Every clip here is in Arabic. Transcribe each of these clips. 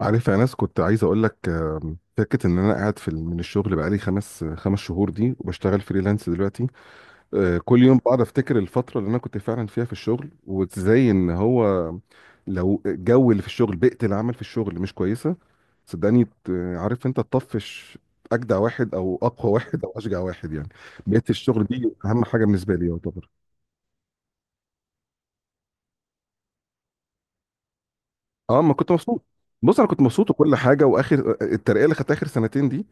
عارف يا ناس، كنت عايز اقول لك فكره ان انا قاعد في من الشغل بقالي خمس شهور دي وبشتغل فريلانس دلوقتي. كل يوم بقعد افتكر الفتره اللي انا كنت فعلا فيها في الشغل، وازاي ان هو لو الجو اللي في الشغل، بيئه العمل في الشغل مش كويسه، صدقني عارف انت تطفش اجدع واحد او اقوى واحد او اشجع واحد يعني. بيئه الشغل دي اهم حاجه بالنسبه لي يعتبر. اه، ما كنت مبسوط. بص، انا كنت مبسوط وكل حاجه، واخر الترقيه اللي خدتها اخر سنتين دي،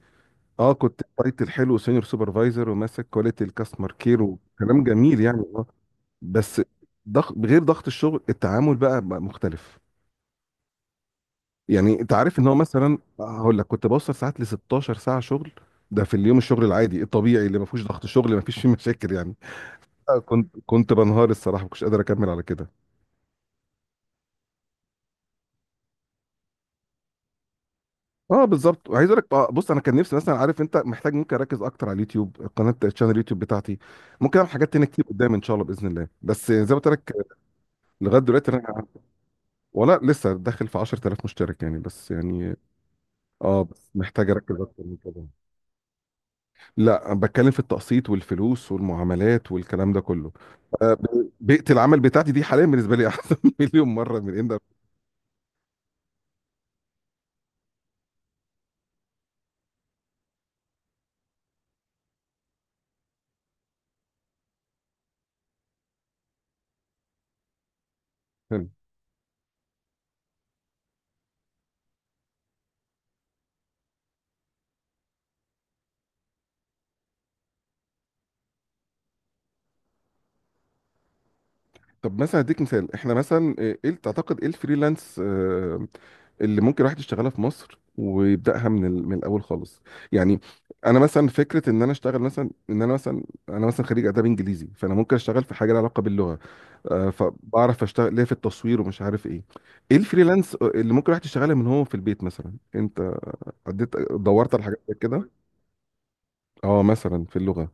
اه كنت تايتل حلو، سينيور سوبرفايزر وماسك كواليتي الكاستمر كير وكلام جميل يعني والله. بس ضغط غير ضغط الشغل، التعامل بقى مختلف. يعني انت عارف ان هو، مثلا هقول لك، كنت بوصل ساعات ل 16 ساعه شغل، ده في اليوم الشغل العادي الطبيعي اللي ما فيهوش ضغط شغل ما فيش فيه مشاكل يعني. كنت بنهار، الصراحه ما كنتش قادر اكمل على كده. اه بالظبط، وعايز اقول لك بص، انا كان نفسي مثلا، عارف انت، محتاج ممكن اركز اكتر على اليوتيوب، قناه الشانل اليوتيوب بتاعتي. ممكن اعمل حاجات تانية كتير قدام ان شاء الله باذن الله، بس زي ما قلت لك لغايه دلوقتي انا ولا لسه داخل في 10000 مشترك يعني، بس يعني اه بس محتاج اركز اكتر من كده. لا، بتكلم في التقسيط والفلوس والمعاملات والكلام ده كله. بيئة العمل بتاعتي دي حاليا بالنسبة لي احسن مليون مرة من ان. طب مثلا اديك مثال، احنا مثلا ايه، إيه تعتقد ايه الفريلانس اللي ممكن الواحد يشتغلها في مصر ويبداها من من الاول خالص يعني؟ انا مثلا فكره ان انا اشتغل مثلا ان انا مثلا انا مثلا خريج اداب انجليزي، فانا ممكن اشتغل في حاجه لها علاقه باللغه. فبعرف اشتغل ليه في التصوير ومش عارف ايه، ايه الفريلانس اللي ممكن الواحد يشتغلها من هو في البيت مثلا؟ انت عديت دورت على حاجات زي كده؟ اه، مثلا في اللغه.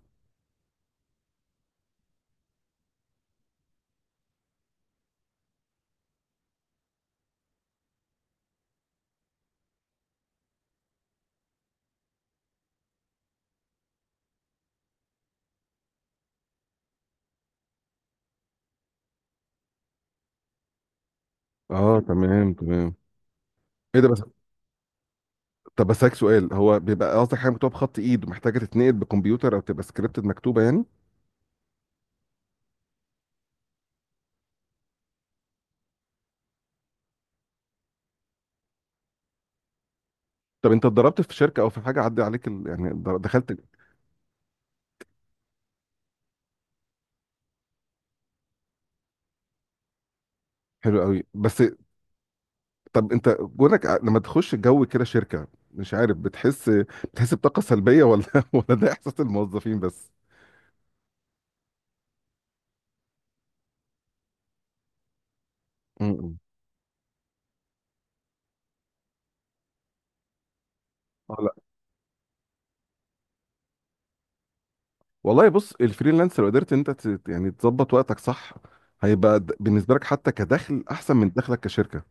اه تمام، تمام. ايه ده؟ بس. طب بسألك سؤال، هو بيبقى قصدك حاجه مكتوبه بخط ايد ومحتاجه تتنقل بكمبيوتر، او تبقى سكريبتد مكتوبه يعني؟ طب انت اتدربت في شركه او في حاجه عدى عليك يعني دخلت؟ حلو قوي. بس طب انت جونك لما تخش جو كده شركه، مش عارف، بتحس، بتحس بطاقه سلبيه، ولا ولا ده احساس الموظفين بس؟ امم اه لا، والله بص، الفريلانس لو قدرت انت يعني تظبط وقتك صح، هيبقى بالنسبه لك حتى كدخل احسن من دخلك كشركه.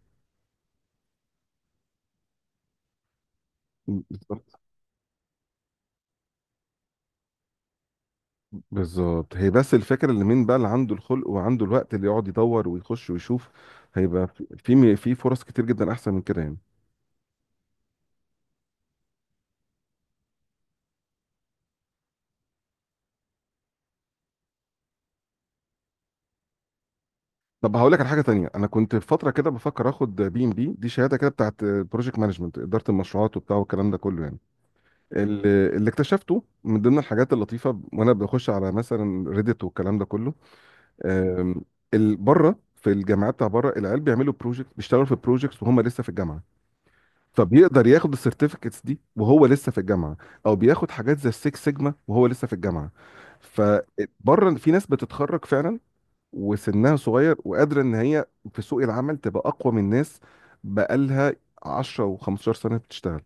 بالظبط، هي بس الفكره اللي، مين بقى اللي عنده الخلق وعنده الوقت اللي يقعد يدور ويخش ويشوف، هيبقى في فرص كتير جدا احسن من كده يعني. طب هقول لك على حاجه تانية، انا كنت في فتره كده بفكر اخد بي ام بي دي، شهاده كده بتاعت بروجكت مانجمنت، اداره المشروعات وبتاع، والكلام ده كله يعني. ال- اللي اكتشفته من ضمن الحاجات اللطيفه وانا بخش على مثلا ريديت والكلام ده كله، أم، بره في الجامعات، بتاع بره، العيال بيعملوا بروجكت، بيشتغلوا في بروجكتس وهم لسه في الجامعه. طب يقدر ياخد السيرتيفيكتس دي وهو لسه في الجامعه، او بياخد حاجات زي السيكس سيجما وهو لسه في الجامعه. فبره في ناس بتتخرج فعلا وسنها صغير، وقادره ان هي في سوق العمل تبقى اقوى من ناس بقالها 10 و15 سنه بتشتغل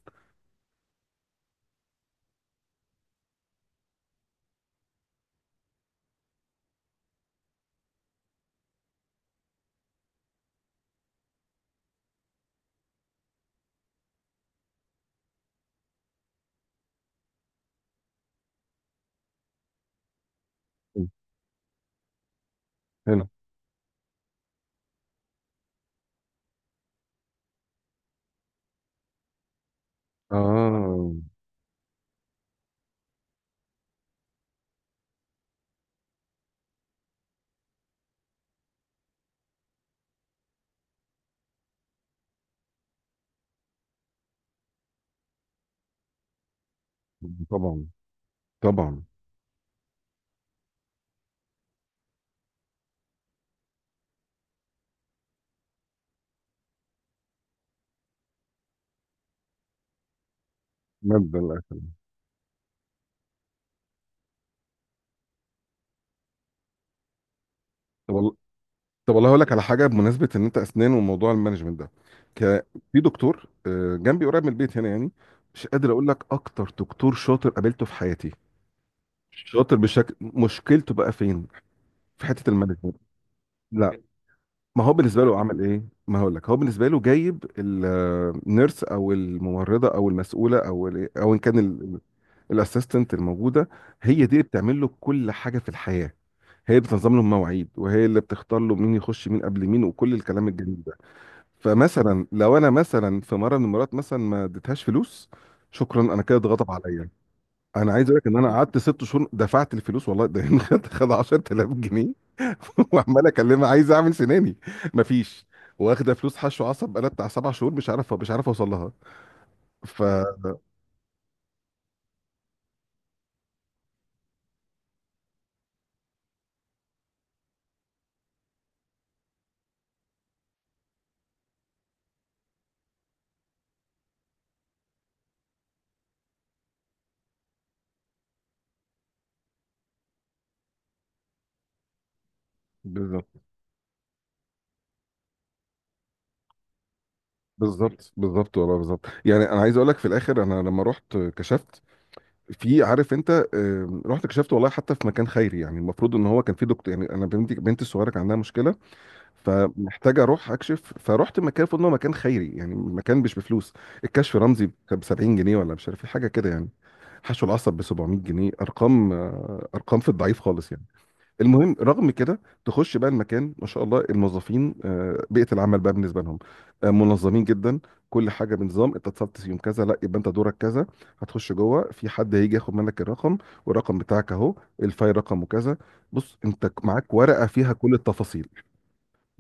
هنا. اه طبعا، طبعا. مادة الأكل والله. طب والله هقول لك على حاجه بمناسبه ان انت اسنان وموضوع المانجمنت ده، ك... في دكتور جنبي قريب من البيت هنا يعني، مش قادر اقول لك، اكتر دكتور شاطر قابلته في حياتي. شاطر بشكل، مشكلته بقى فين؟ في حته المانجمنت. لا، ما هو بالنسبه له عمل ايه، ما هقول لك، هو بالنسبه له جايب النيرس او الممرضه او المسؤوله او او ان كان الاسيستنت الموجوده، هي دي اللي بتعمل له كل حاجه في الحياه. هي اللي بتنظم له المواعيد، وهي اللي بتختار له مين يخش مين قبل مين، وكل الكلام الجميل ده. فمثلا لو انا مثلا في مره من المرات مثلا ما اديتهاش فلوس، شكرا، انا كده اتغضب عليا. انا عايز اقول لك ان انا قعدت ست شهور دفعت الفلوس، والله ده خد خد 10000 جنيه وعمال اكلمها عايز اعمل سناني، مفيش، واخده فلوس حشو عصب بقالها بتاع سبع شهور، مش عارف اوصل لها. ف بالظبط. بالظبط بالظبط والله بالظبط يعني، انا عايز اقول لك في الاخر، انا لما رحت كشفت، في، عارف انت، رحت كشفت والله حتى في مكان خيري يعني، المفروض ان هو كان في دكتور يعني، انا بنتي الصغيره كان عندها مشكله، فمحتاج اروح اكشف، فروحت مكان المفروض ان هو مكان خيري يعني، مكان مش بفلوس. الكشف رمزي ب 70 جنيه ولا مش عارف ايه، حاجه كده يعني. حشو العصب ب 700 جنيه، ارقام، ارقام في الضعيف خالص يعني. المهم، رغم كده تخش بقى المكان، ما شاء الله الموظفين بيئه العمل بقى بالنسبه لهم، منظمين جدا. كل حاجه بنظام، انت اتصلت يوم كذا، لا، يبقى انت دورك كذا، هتخش جوه في حد هيجي ياخد منك الرقم، والرقم بتاعك اهو، الفايل رقمه كذا، بص انت معاك ورقه فيها كل التفاصيل.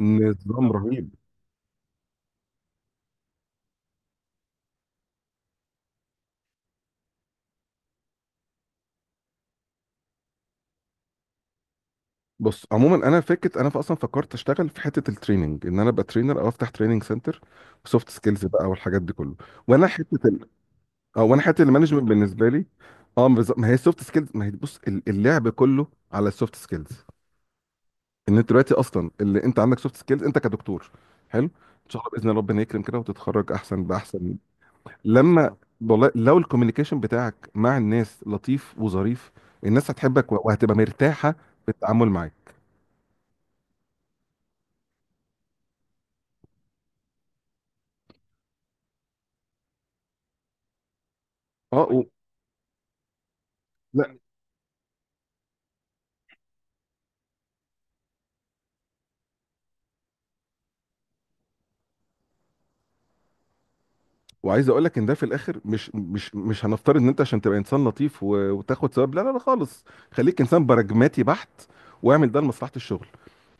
نظام رهيب. بص عموما، انا فكرت، انا اصلا فكرت اشتغل في حته التريننج، ان انا ابقى ترينر او افتح تريننج سنتر، سوفت سكيلز بقى والحاجات دي كله. وانا حته اه، وانا حته المانجمنت بالنسبه لي، اه بالظبط. ما هي السوفت سكيلز، ما هي بص، اللعب كله على السوفت سكيلز، ان انت دلوقتي اصلا اللي انت عندك سوفت سكيلز انت كدكتور، حلو، ان شاء الله باذن الله ربنا يكرم كده وتتخرج احسن باحسن. لما، والله، لو الكوميونيكيشن بتاعك مع الناس لطيف وظريف، الناس هتحبك وهتبقى مرتاحه في التعامل معاك. اه لا، وعايز اقول لك ان ده في الاخر مش هنفترض ان انت عشان تبقى انسان لطيف وتاخد ثواب، لا لا لا خالص. خليك انسان براجماتي بحت واعمل ده لمصلحه الشغل.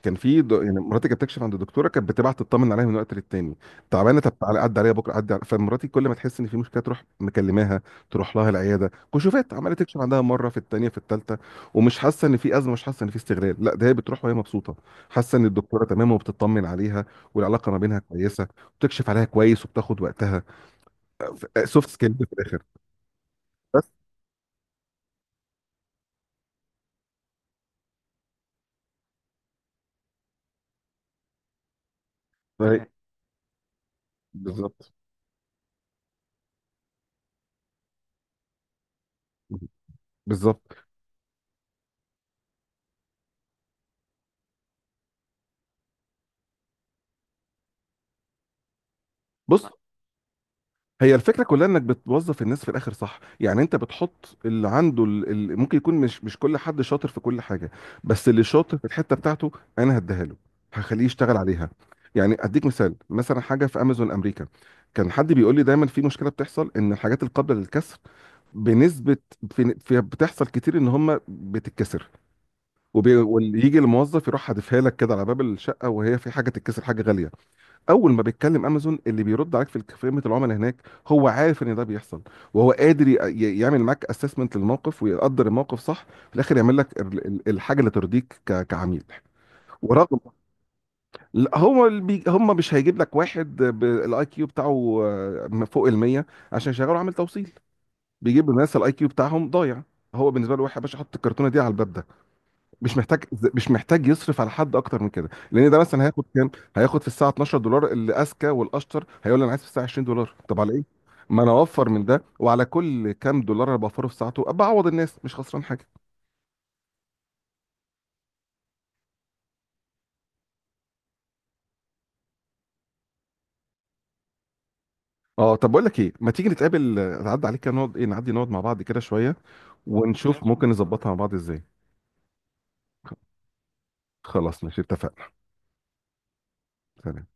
كان في يعني مراتي كانت بتكشف عند دكتوره، كانت بتبعت تطمن عليها من وقت للتاني، تعبانه، طب تعالى عدي عليها بكره، عدي فمراتي كل ما تحس ان في مشكله تروح مكلماها، تروح لها العياده، كشوفات عماله تكشف عندها مره في التانيه في التالته، ومش حاسه ان في ازمه، مش حاسه ان في استغلال، لا ده هي بتروح وهي مبسوطه، حاسه ان الدكتوره تمام وبتطمن عليها، والعلاقه ما بينها كويسه، وبتكشف عليها كويس وبتاخد وقتها. سوفت سكيل في الاخر. بس تمام. بالظبط بالظبط. بص هي الفكره كلها انك بتوظف الناس في الاخر صح، يعني انت بتحط اللي عنده ممكن يكون مش، مش كل حد شاطر في كل حاجه، بس اللي شاطر في الحته بتاعته انا هديها له، هخليه يشتغل عليها. يعني اديك مثال، مثلا حاجه في امازون امريكا، كان حد بيقول لي دايما في مشكله بتحصل ان الحاجات القابله للكسر بنسبه بتحصل كتير ان هم بتتكسر، ويجي الموظف يروح حادفها لك كده على باب الشقه، وهي في حاجه تتكسر، حاجه غاليه. اول ما بيتكلم امازون، اللي بيرد عليك في خدمه العملاء هناك، هو عارف ان ده بيحصل، وهو قادر يعمل معاك اسسمنت للموقف، ويقدر الموقف صح، في الاخر يعمل لك الحاجه اللي ترضيك كعميل. ورغم لا، هو اللي هم مش هيجيب لك واحد بالاي كيو بتاعه فوق ال 100 عشان يشغله عامل توصيل، بيجيب الناس الاي كيو بتاعهم ضايع. هو بالنسبه له، واحد يا باشا حط الكرتونه دي على الباب، مش محتاج، مش محتاج يصرف على حد اكتر من كده، لان ده مثلا هياخد كام، هياخد في الساعه 12 دولار، اللي اذكى والاشطر هيقول لي انا عايز في الساعه 20 دولار، طب على ايه؟ ما انا اوفر من ده، وعلى كل كام دولار انا بوفره في ساعته بعوض الناس، مش خسران حاجه. اه، طب بقول لك ايه، ما تيجي نتقابل نعدي عليك كده، نقعد، ايه، نعدي نقعد مع بعض كده شويه، ونشوف ممكن نظبطها مع بعض ازاي. خلاص ماشي، اتفقنا. سلام.